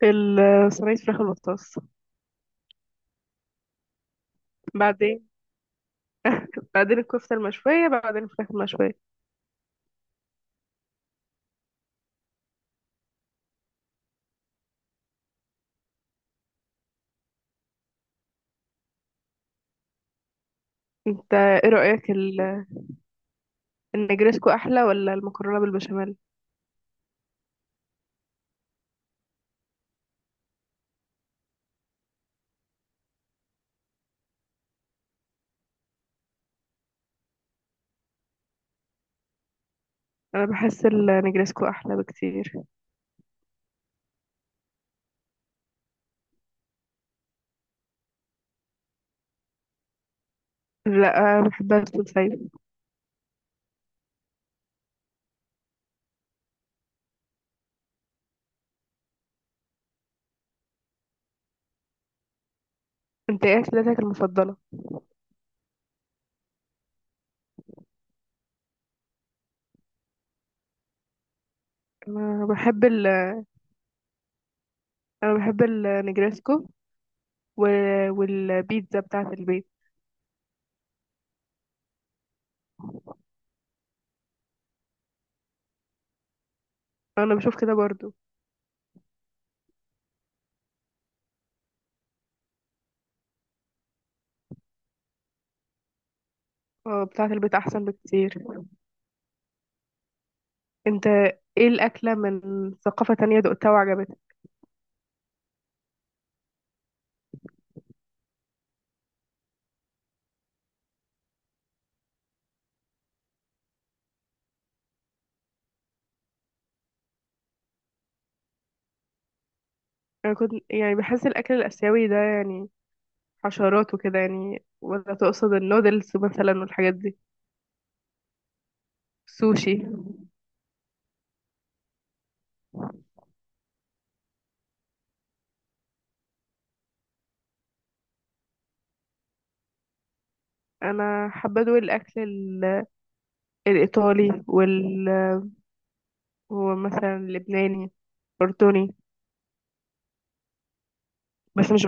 في صينية فراخ المختص. بعدين بعدين الكفتة المشوية، بعدين الفراخ المشوية. انت ايه رأيك النجرسكو احلى ولا المكرونة بالبشاميل؟ انا بحس النجرسكو احلى بكتير. لا، بحبها تكون سايبة. انت ايه اكلتك المفضلة؟ انا بحب ال انا بحب النجرسكو و... والبيتزا بتاعة البيت. انا بشوف كده برضو. اه، بتاعة البيت احسن بكتير. انت ايه الاكلة من ثقافة تانية دقتها وعجبتك؟ انا كنت يعني بحس الاكل الاسيوي ده يعني حشرات وكده، يعني ولا تقصد النودلز مثلا والحاجات دي؟ سوشي. انا حابه ادوق الاكل الايطالي، وال ومثلا اللبناني، اردني. بس مش.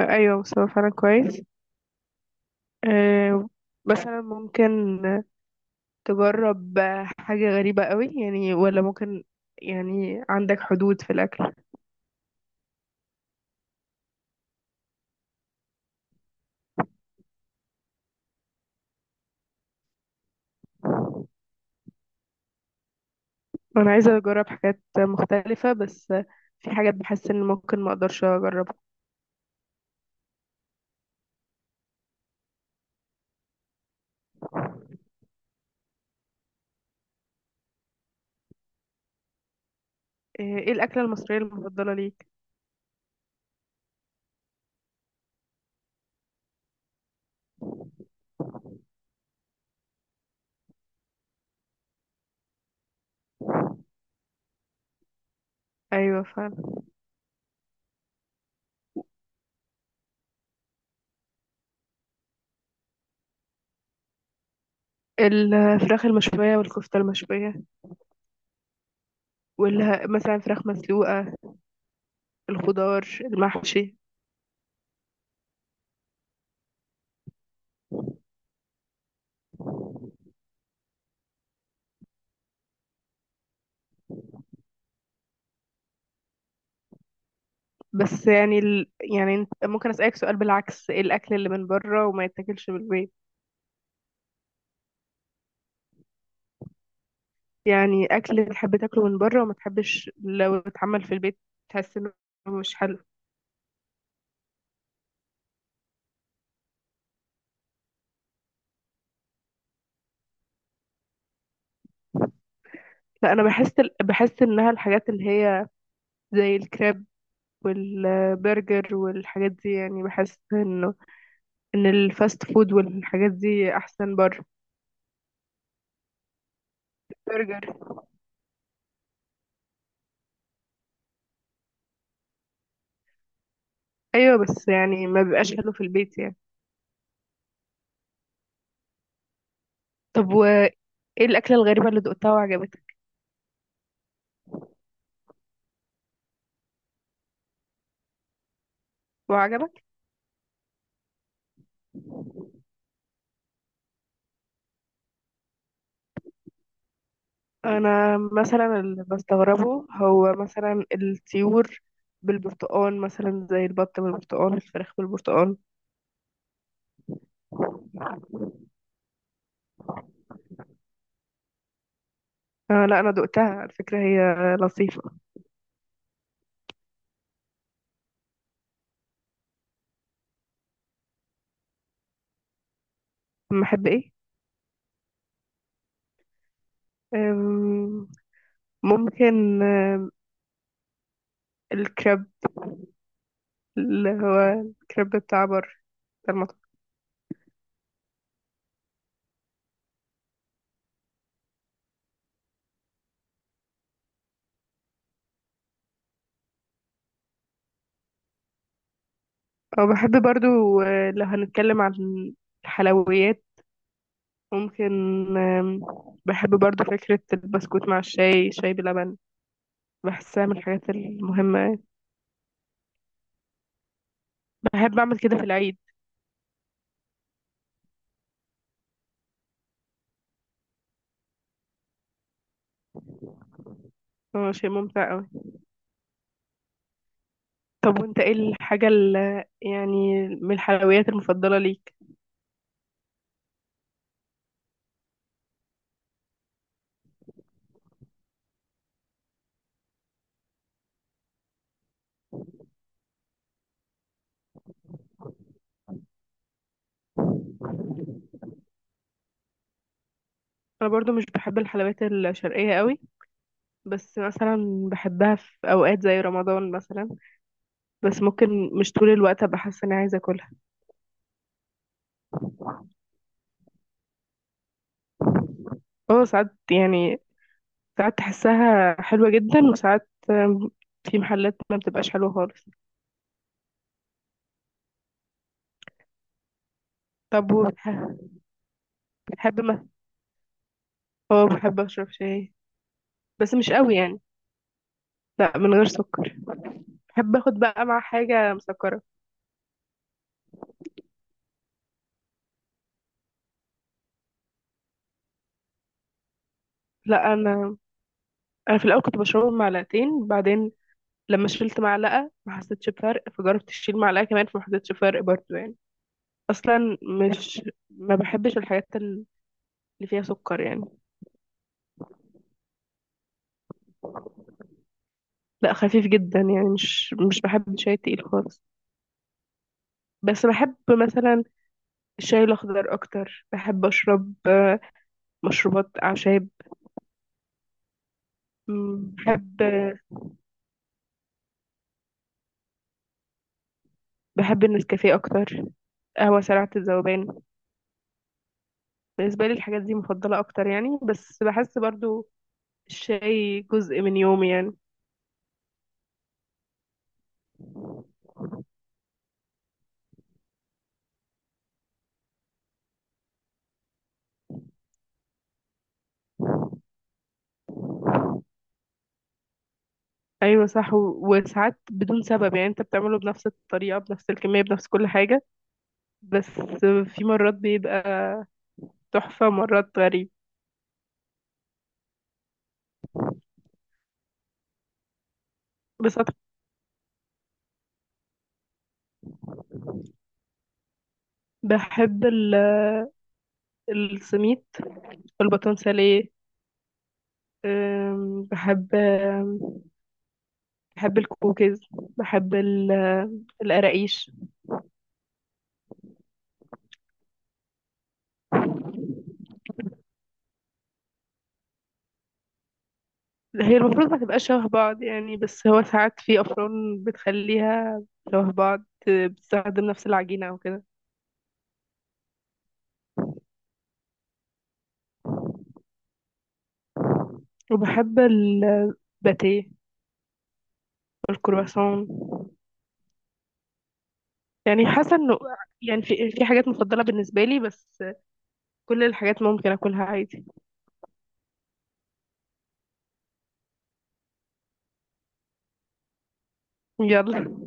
ايوه، مستوى فعلا كويس. أه، مثلا ممكن تجرب حاجه غريبه قوي يعني؟ ولا ممكن يعني عندك حدود في الاكل؟ انا عايزه اجرب حاجات مختلفه، بس في حاجات بحس ان ممكن ما اقدرش اجربها. ايه الاكله المصريه المفضله ليك؟ ايوه فعلا. الفراخ المشوية والكفتة المشوية، واللي مثلا فراخ مسلوقة، الخضار المحشي. بس يعني ممكن أسألك سؤال بالعكس، ايه الأكل اللي من بره وما يتاكلش من البيت؟ يعني أكل تحب تاكله من بره وما تحبش لو اتعمل في البيت، تحس انه مش حلو. لا، انا بحس انها الحاجات اللي هي زي الكريب والبرجر والحاجات دي، يعني بحس انه ان الفاست فود والحاجات دي احسن بره. برجر. ايوه، بس يعني ما بيبقاش حلو في البيت يعني. طب وايه الاكله الغريبه اللي دقتها وعجبتك؟ وعجبك. انا مثلا اللي بستغربه هو مثلا الطيور بالبرتقال، مثلا زي البط بالبرتقال، الفراخ بالبرتقال. آه لا، انا دقتها على فكره، هي لطيفه. أما احب ايه؟ أم، ممكن الكريب. اللي هو الكريب بتاع المطعم. أو بحب برضو، لو هنتكلم عن الحلويات، ممكن، آم، بحب برضو فكرة البسكوت مع الشاي، شاي بلبن. بحسها من الحاجات المهمة يعني. بحب أعمل كده في العيد. هو شيء ممتع أوي. طب وأنت إيه الحاجة اللي يعني من الحلويات المفضلة ليك؟ أنا برضو مش بحب الحلويات الشرقية أوي، بس مثلا بحبها في أوقات زي رمضان مثلا، بس ممكن مش طول الوقت أبقى حاسة إني عايزة أكلها. أه ساعات يعني، ساعات تحسها حلوة جدا، وساعات في محلات ما بتبقاش حلوة خالص. طب بحب مثلا، اه بحب اشرب شاي، بس مش قوي يعني. لا، من غير سكر. بحب اخد بقى مع حاجه مسكره. لا انا في الاول كنت بشربه بمعلقتين، بعدين لما شلت معلقه ما حسيتش بفرق، فجربت اشيل معلقه كمان فما حسيتش بفرق برضه يعني. اصلا مش ما بحبش الحاجات اللي فيها سكر يعني. لا، خفيف جدا يعني، مش بحب الشاي التقيل خالص. بس بحب مثلا الشاي الاخضر اكتر. بحب اشرب مشروبات اعشاب. مم، بحب. بحب النسكافيه اكتر، قهوة سريعة الذوبان. بالنسبة لي الحاجات دي مفضلة أكتر يعني، بس بحس برضو الشاي جزء من يومي يعني. أيوة صح، وساعات بدون سبب يعني، أنت بتعمله بنفس الطريقة بنفس الكمية بنفس كل حاجة، بس في مرات بيبقى تحفة، مرات غريب. بصراحة بحب السميت والباتون ساليه. بحب بحب الكوكيز. بحب القراقيش. هي المفروض ما تبقاش شبه بعض يعني، بس هو ساعات في أفران بتخليها شبه بعض، بتستخدم نفس العجينة أو كده. وبحب الباتيه والكرواسون. يعني حاسة انه يعني في حاجات مفضلة بالنسبة لي، بس كل الحاجات ممكن اكلها عادي. يلا.